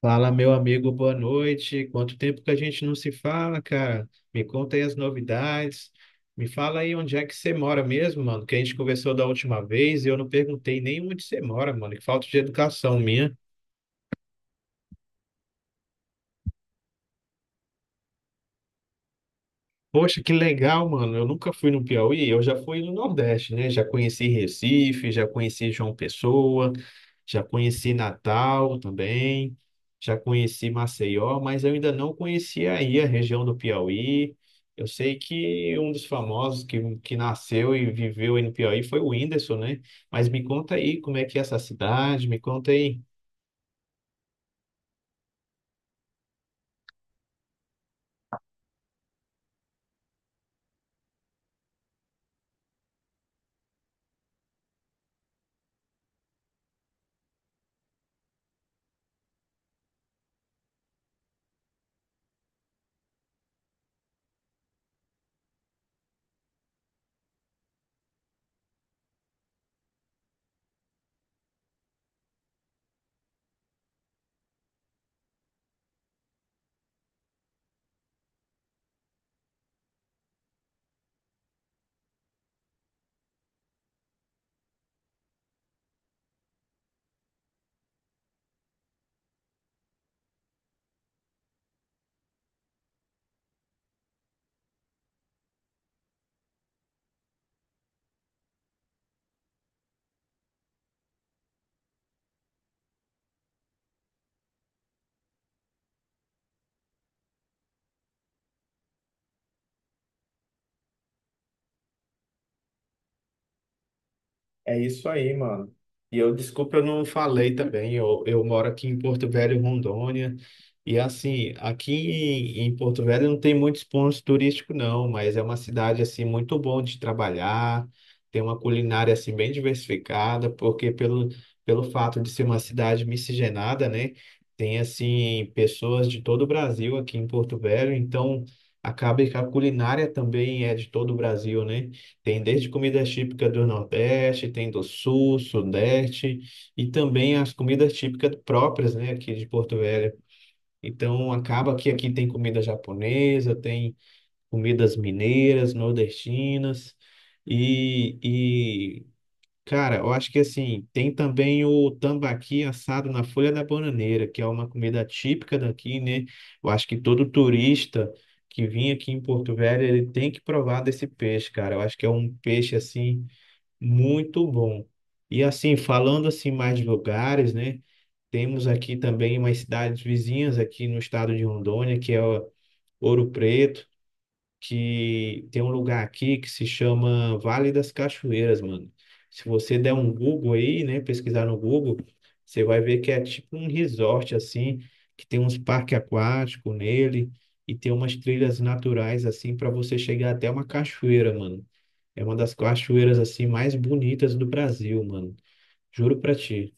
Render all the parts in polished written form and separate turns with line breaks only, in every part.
Fala, meu amigo, boa noite. Quanto tempo que a gente não se fala, cara? Me conta aí as novidades. Me fala aí onde é que você mora mesmo, mano, que a gente conversou da última vez e eu não perguntei nem onde você mora, mano. Que falta de educação minha. Poxa, que legal, mano. Eu nunca fui no Piauí, eu já fui no Nordeste, né? Já conheci Recife, já conheci João Pessoa, já conheci Natal também, já conheci Maceió, mas eu ainda não conhecia aí a região do Piauí. Eu sei que um dos famosos que nasceu e viveu aí no Piauí foi o Whindersson, né? Mas me conta aí como é que é essa cidade, me conta aí. É isso aí, mano. E eu, desculpa, eu não falei também. Eu moro aqui em Porto Velho, Rondônia. E assim, aqui em Porto Velho não tem muitos pontos turísticos, não, mas é uma cidade assim muito bom de trabalhar. Tem uma culinária assim bem diversificada, pelo fato de ser uma cidade miscigenada, né? Tem assim pessoas de todo o Brasil aqui em Porto Velho, então acaba que a culinária também é de todo o Brasil, né? Tem desde comidas típicas do Nordeste, tem do Sul, Sudeste e também as comidas típicas próprias, né, aqui de Porto Velho. Então acaba que aqui tem comida japonesa, tem comidas mineiras, nordestinas e cara, eu acho que assim, tem também o tambaqui assado na folha da bananeira, que é uma comida típica daqui, né? Eu acho que todo turista que vem aqui em Porto Velho, ele tem que provar desse peixe, cara. Eu acho que é um peixe assim muito bom. E assim, falando assim mais de lugares, né? Temos aqui também umas cidades vizinhas aqui no estado de Rondônia, que é Ouro Preto, que tem um lugar aqui que se chama Vale das Cachoeiras, mano. Se você der um Google aí, né, pesquisar no Google, você vai ver que é tipo um resort assim, que tem uns parques aquáticos nele e tem umas trilhas naturais assim para você chegar até uma cachoeira, mano. É uma das cachoeiras assim mais bonitas do Brasil, mano. Juro pra ti.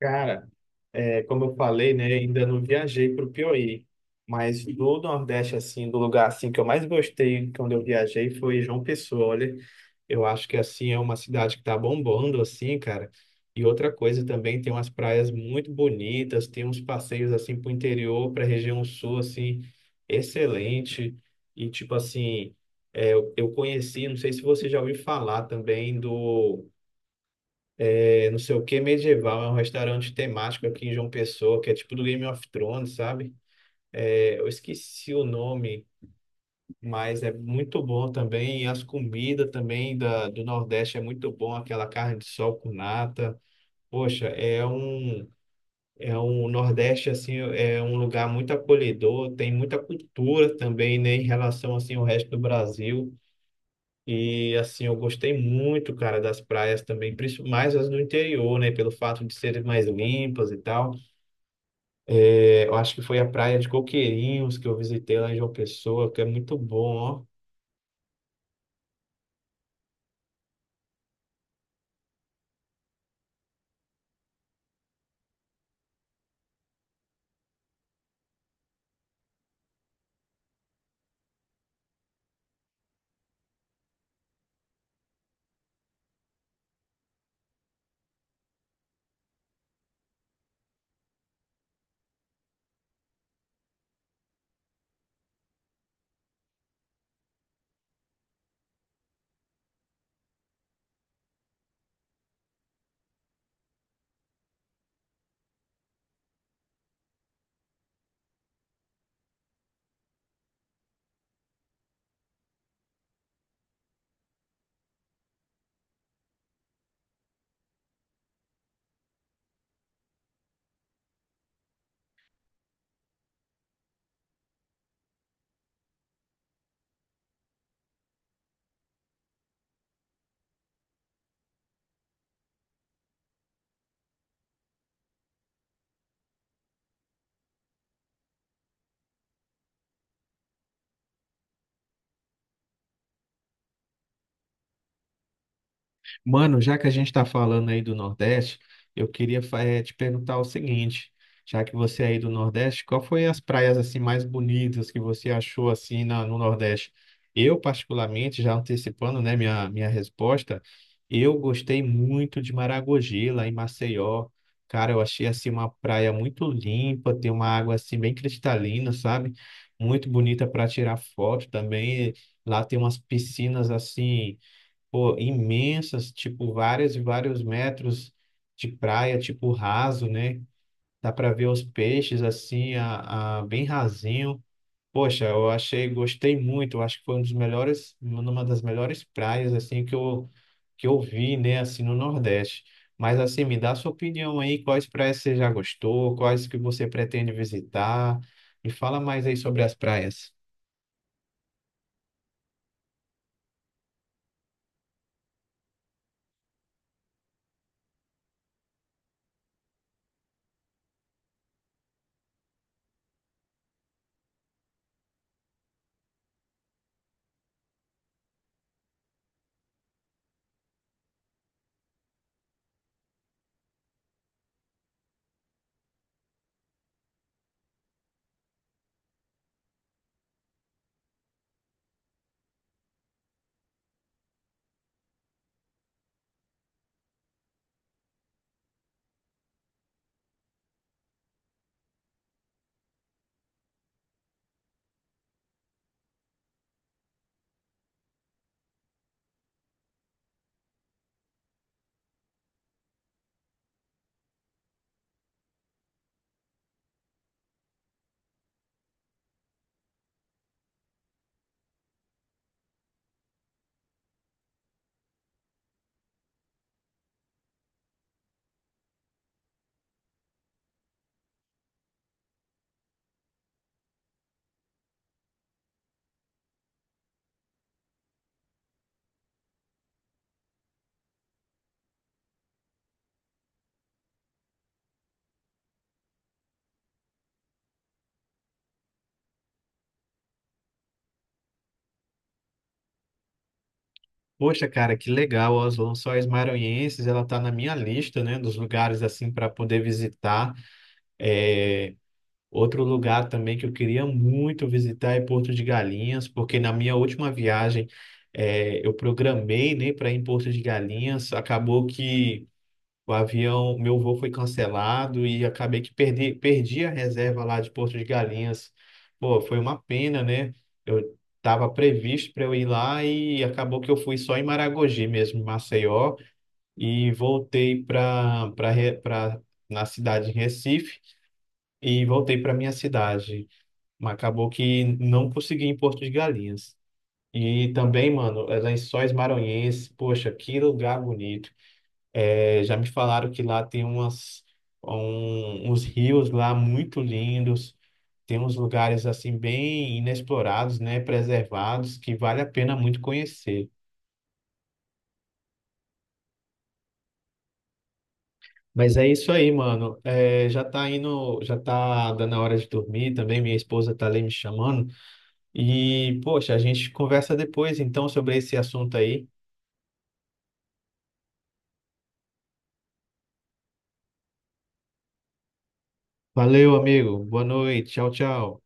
Cara. É, como eu falei, né, ainda não viajei para o Piauí, mas do Nordeste, assim, do lugar assim que eu mais gostei quando eu viajei foi João Pessoa. Olha, eu acho que assim é uma cidade que tá bombando, assim, cara. E outra coisa também, tem umas praias muito bonitas, tem uns passeios assim para o interior, para a região sul, assim, excelente. E tipo assim, é, eu conheci, não sei se você já ouviu falar também do não sei o que medieval, é um restaurante temático aqui em João Pessoa, que é tipo do Game of Thrones, sabe? É, eu esqueci o nome, mas é muito bom também. E as comidas também da, do Nordeste é muito bom, aquela carne de sol com nata. Poxa, é um Nordeste, assim, é um lugar muito acolhedor, tem muita cultura também, né, em relação, assim, ao resto do Brasil. E assim, eu gostei muito, cara, das praias também, principalmente mais as do interior, né? Pelo fato de serem mais limpas e tal. É, eu acho que foi a praia de Coqueirinhos que eu visitei lá em João Pessoa, que é muito bom, ó. Mano, já que a gente está falando aí do Nordeste, eu queria te perguntar o seguinte, já que você é aí do Nordeste, qual foi as praias assim mais bonitas que você achou assim na- no Nordeste? Eu, particularmente, já antecipando, né, minha resposta, eu gostei muito de Maragogi, lá em Maceió. Cara, eu achei assim uma praia muito limpa, tem uma água assim bem cristalina, sabe? Muito bonita para tirar foto também. Lá tem umas piscinas assim, pô, imensas, tipo várias e vários metros de praia, tipo raso, né? Dá para ver os peixes assim, a- bem rasinho. Poxa, eu achei, gostei muito. Eu acho que foi um dos melhores, uma das melhores praias assim que eu vi, né, assim no Nordeste. Mas assim, me dá sua opinião aí, quais praias você já gostou, quais que você pretende visitar? Me fala mais aí sobre as praias. Poxa, cara, que legal, as Lençóis Maranhenses, ela tá na minha lista, né, dos lugares assim para poder visitar. É, outro lugar também que eu queria muito visitar é Porto de Galinhas, porque na minha última viagem eu programei, né, para ir em Porto de Galinhas, acabou que o avião, meu voo foi cancelado e acabei que perdi, perdi a reserva lá de Porto de Galinhas. Pô, foi uma pena, né? Eu estava previsto para eu ir lá e acabou que eu fui só em Maragogi mesmo, em Maceió, e voltei para para na cidade de Recife e voltei para minha cidade. Mas acabou que não consegui em Porto de Galinhas. E também, mano, é Lençóis Maranhenses, poxa, que lugar bonito. É, já me falaram que lá tem umas, uns rios lá muito lindos, tem uns lugares assim bem inexplorados, né, preservados, que vale a pena muito conhecer. Mas é isso aí, mano. É, já tá indo, já tá dando a hora de dormir também. Minha esposa tá ali me chamando. E, poxa, a gente conversa depois então sobre esse assunto aí. Valeu, amigo. Boa noite. Tchau, tchau.